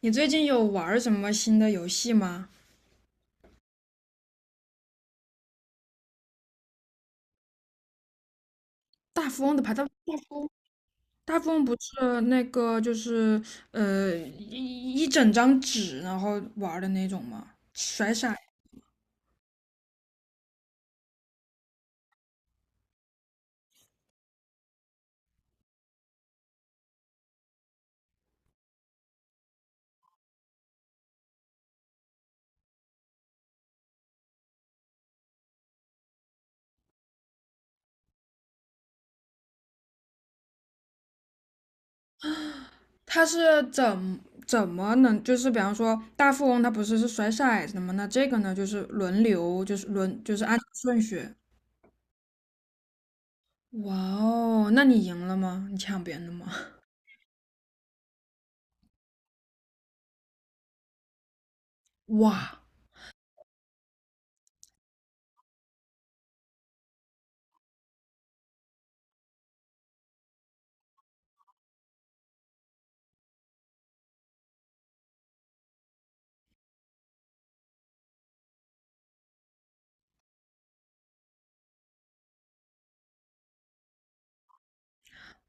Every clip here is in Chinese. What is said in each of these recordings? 你最近有玩什么新的游戏吗？大富翁的牌，大富翁，大富翁不是那个就是一整张纸然后玩的那种吗？甩骰，它是怎么能就是比方说大富翁它不是甩骰子的吗？那这个呢就是轮流就是轮就是按顺序。哇哦，那你赢了吗？你抢别人的吗？哇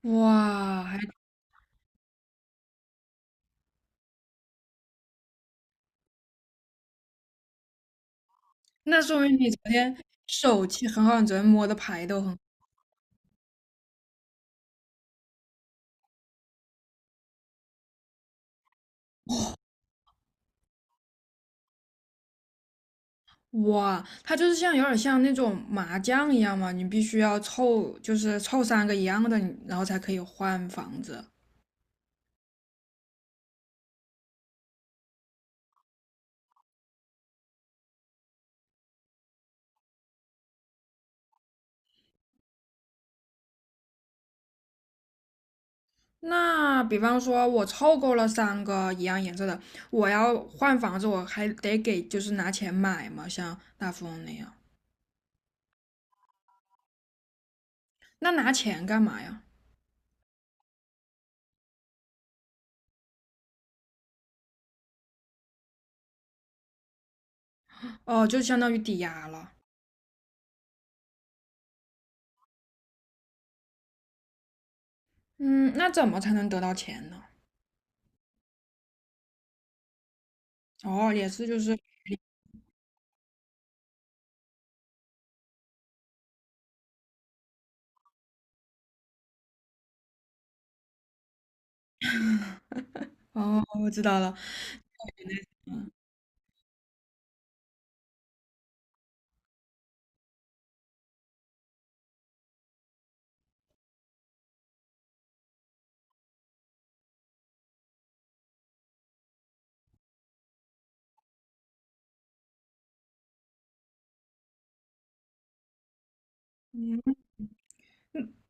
哇，那说明你昨天手气很好，你昨天摸的牌都很好。哇，它就是像有点像那种麻将一样嘛，你必须要凑，就是凑三个一样的，你然后才可以换房子。那比方说，我凑够了三个一样颜色的，我要换房子，我还得就是拿钱买嘛，像大富翁那样。那拿钱干嘛呀？哦，就相当于抵押了。嗯，那怎么才能得到钱呢？哦，也是，就是，哦，我知道了，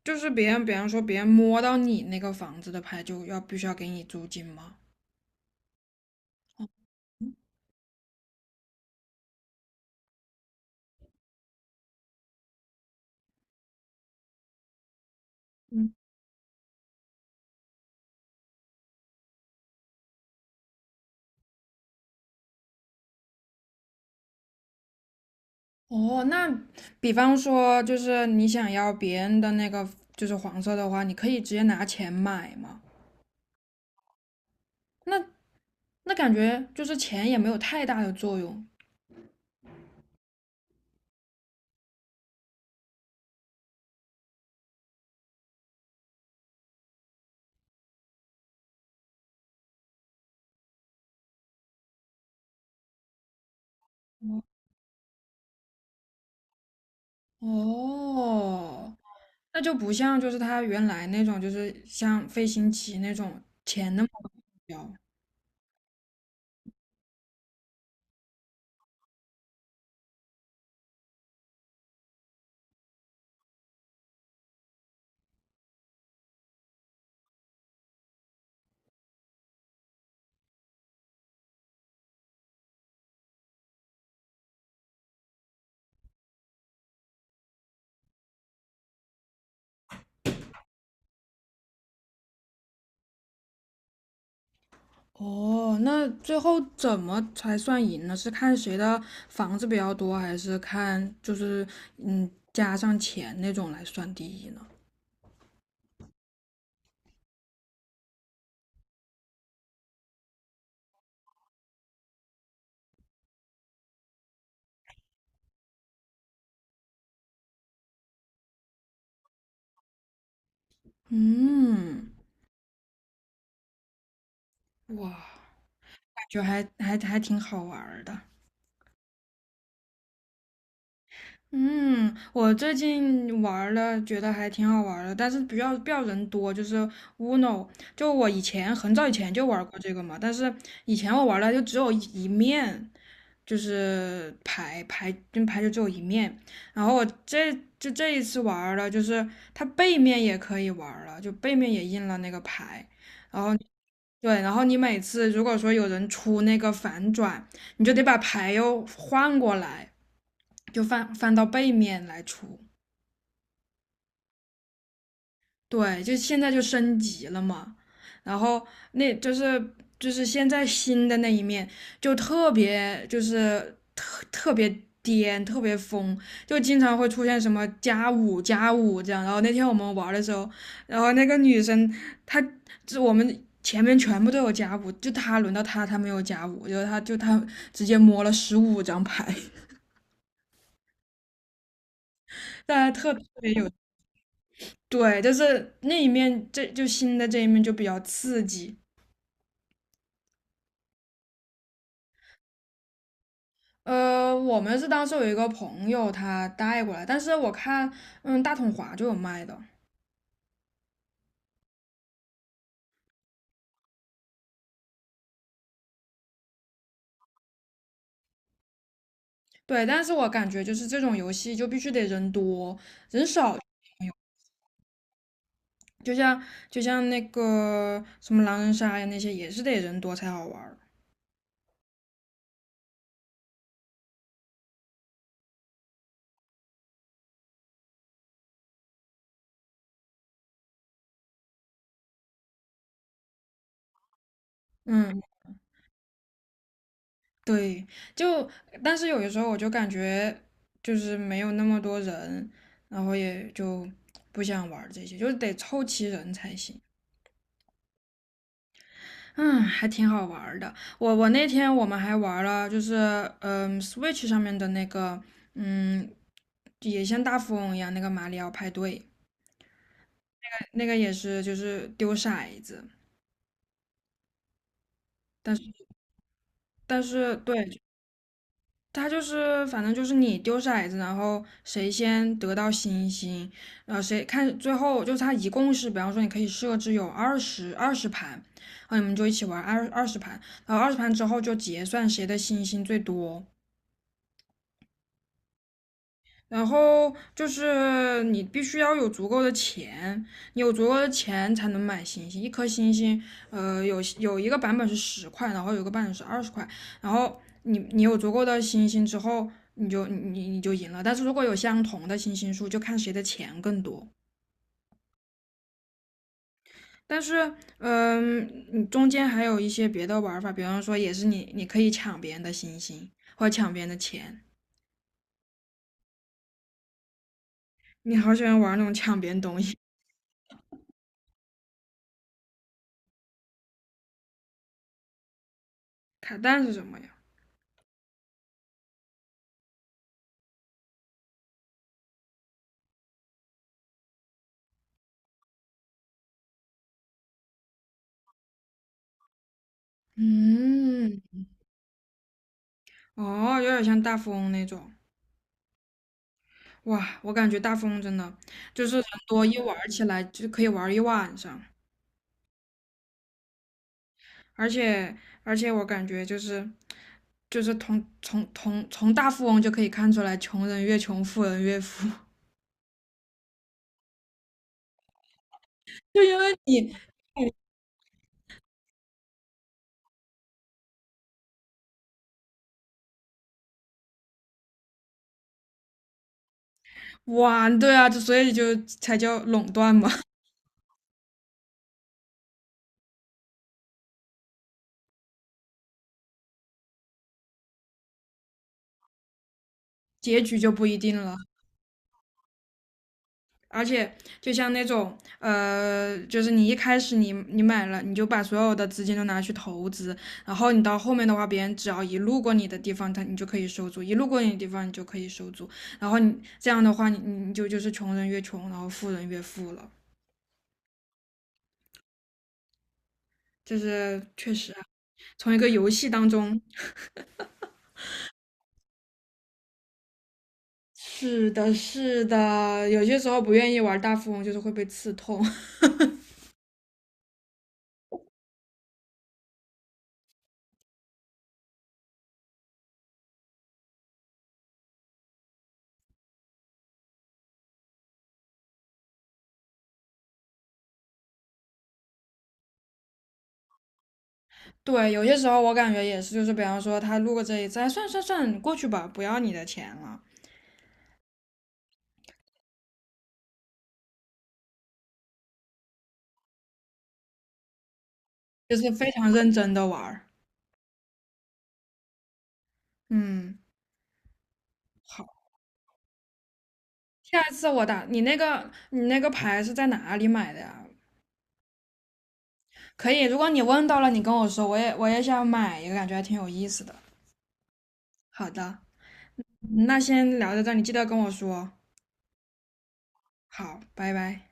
就是别人，比方说别人摸到你那个房子的牌，就要必须要给你租金吗？哦，那比方说，就是你想要别人的那个就是黄色的话，你可以直接拿钱买吗？那那感觉就是钱也没有太大的作用。哦，那就不像就是他原来那种，就是像飞行棋那种钱那么重要。哦，那最后怎么才算赢呢？是看谁的房子比较多，还是看就是加上钱那种来算第一呢？嗯，哇。就还挺好玩的。嗯，我最近玩了，觉得还挺好玩的，但是不要人多，就是 Uno，就我以前很早以前就玩过这个嘛，但是以前我玩了就只有一面，就是牌就只有一面，然后我这就这一次玩了，就是它背面也可以玩了，就背面也印了那个牌，然后对，然后你每次如果说有人出那个反转，你就得把牌又换过来。就翻到背面来出。对，就现在就升级了嘛。然后那就是现在新的那一面就特别颠，特别疯，就经常会出现什么加五加五这样。然后那天我们玩的时候，然后那个女生她就我们。前面全部都有加五，就她轮到她没有加五，就后她直接摸了15张牌，大家特别有对，就是那一面，这就新的这一面就比较刺激。我们是当时有一个朋友他带过来，但是我看，大统华就有卖的。对，但是我感觉就是这种游戏就必须得人多，人少，就像就像那个什么狼人杀呀那些，也是得人多才好玩儿。嗯，对，就但是有的时候我就感觉就是没有那么多人，然后也就不想玩儿这些，就是得凑齐人才行。嗯，还挺好玩儿的。我那天我们还玩了，就是Switch 上面的那个，嗯，也像大富翁一样那个马里奥派对，那个也是就是丢骰子，但是但是对，它就是反正就是你丢骰子，然后谁先得到星星，然后谁看最后就是它一共是，比方说你可以设置有二十盘，然后你们就一起玩二十盘，然后二十盘之后就结算谁的星星最多。然后就是你必须要有足够的钱，你有足够的钱才能买星星。一颗星星，有一个版本是十块，然后有一个版本是20块。然后你有足够的星星之后，你就赢了。但是如果有相同的星星数，就看谁的钱更多。但是，嗯，你中间还有一些别的玩法，比方说也是你可以抢别人的星星或者抢别人的钱。你好喜欢玩那种抢别人东西。卡带是什么呀？嗯，哦，有点像大富翁那种。哇，我感觉大富翁真的就是人多一玩儿起来就可以玩儿一晚上，而且而且我感觉就是从大富翁就可以看出来，穷人越穷，富人越富。就因为你玩对啊，就所以就才叫垄断嘛，结局就不一定了。而且就像那种就是你一开始你买了，你就把所有的资金都拿去投资，然后你到后面的话，别人只要一路过你的地方，你就可以收租；一路过你的地方，你就可以收租。然后你这样的话，你就是穷人越穷，然后富人越富了。就是确实啊，从一个游戏当中，是的，是的，有些时候不愿意玩大富翁，就是会被刺痛。对，有些时候我感觉也是，就是比方说他路过这一次，哎，算算算，过去吧，不要你的钱了，就是非常认真的玩儿。嗯，好，下一次我打你那个牌是在哪里买的呀？可以，如果你问到了，你跟我说，我也想买一个，感觉还挺有意思的。好的，那先聊到这儿，你记得跟我说。好，拜拜。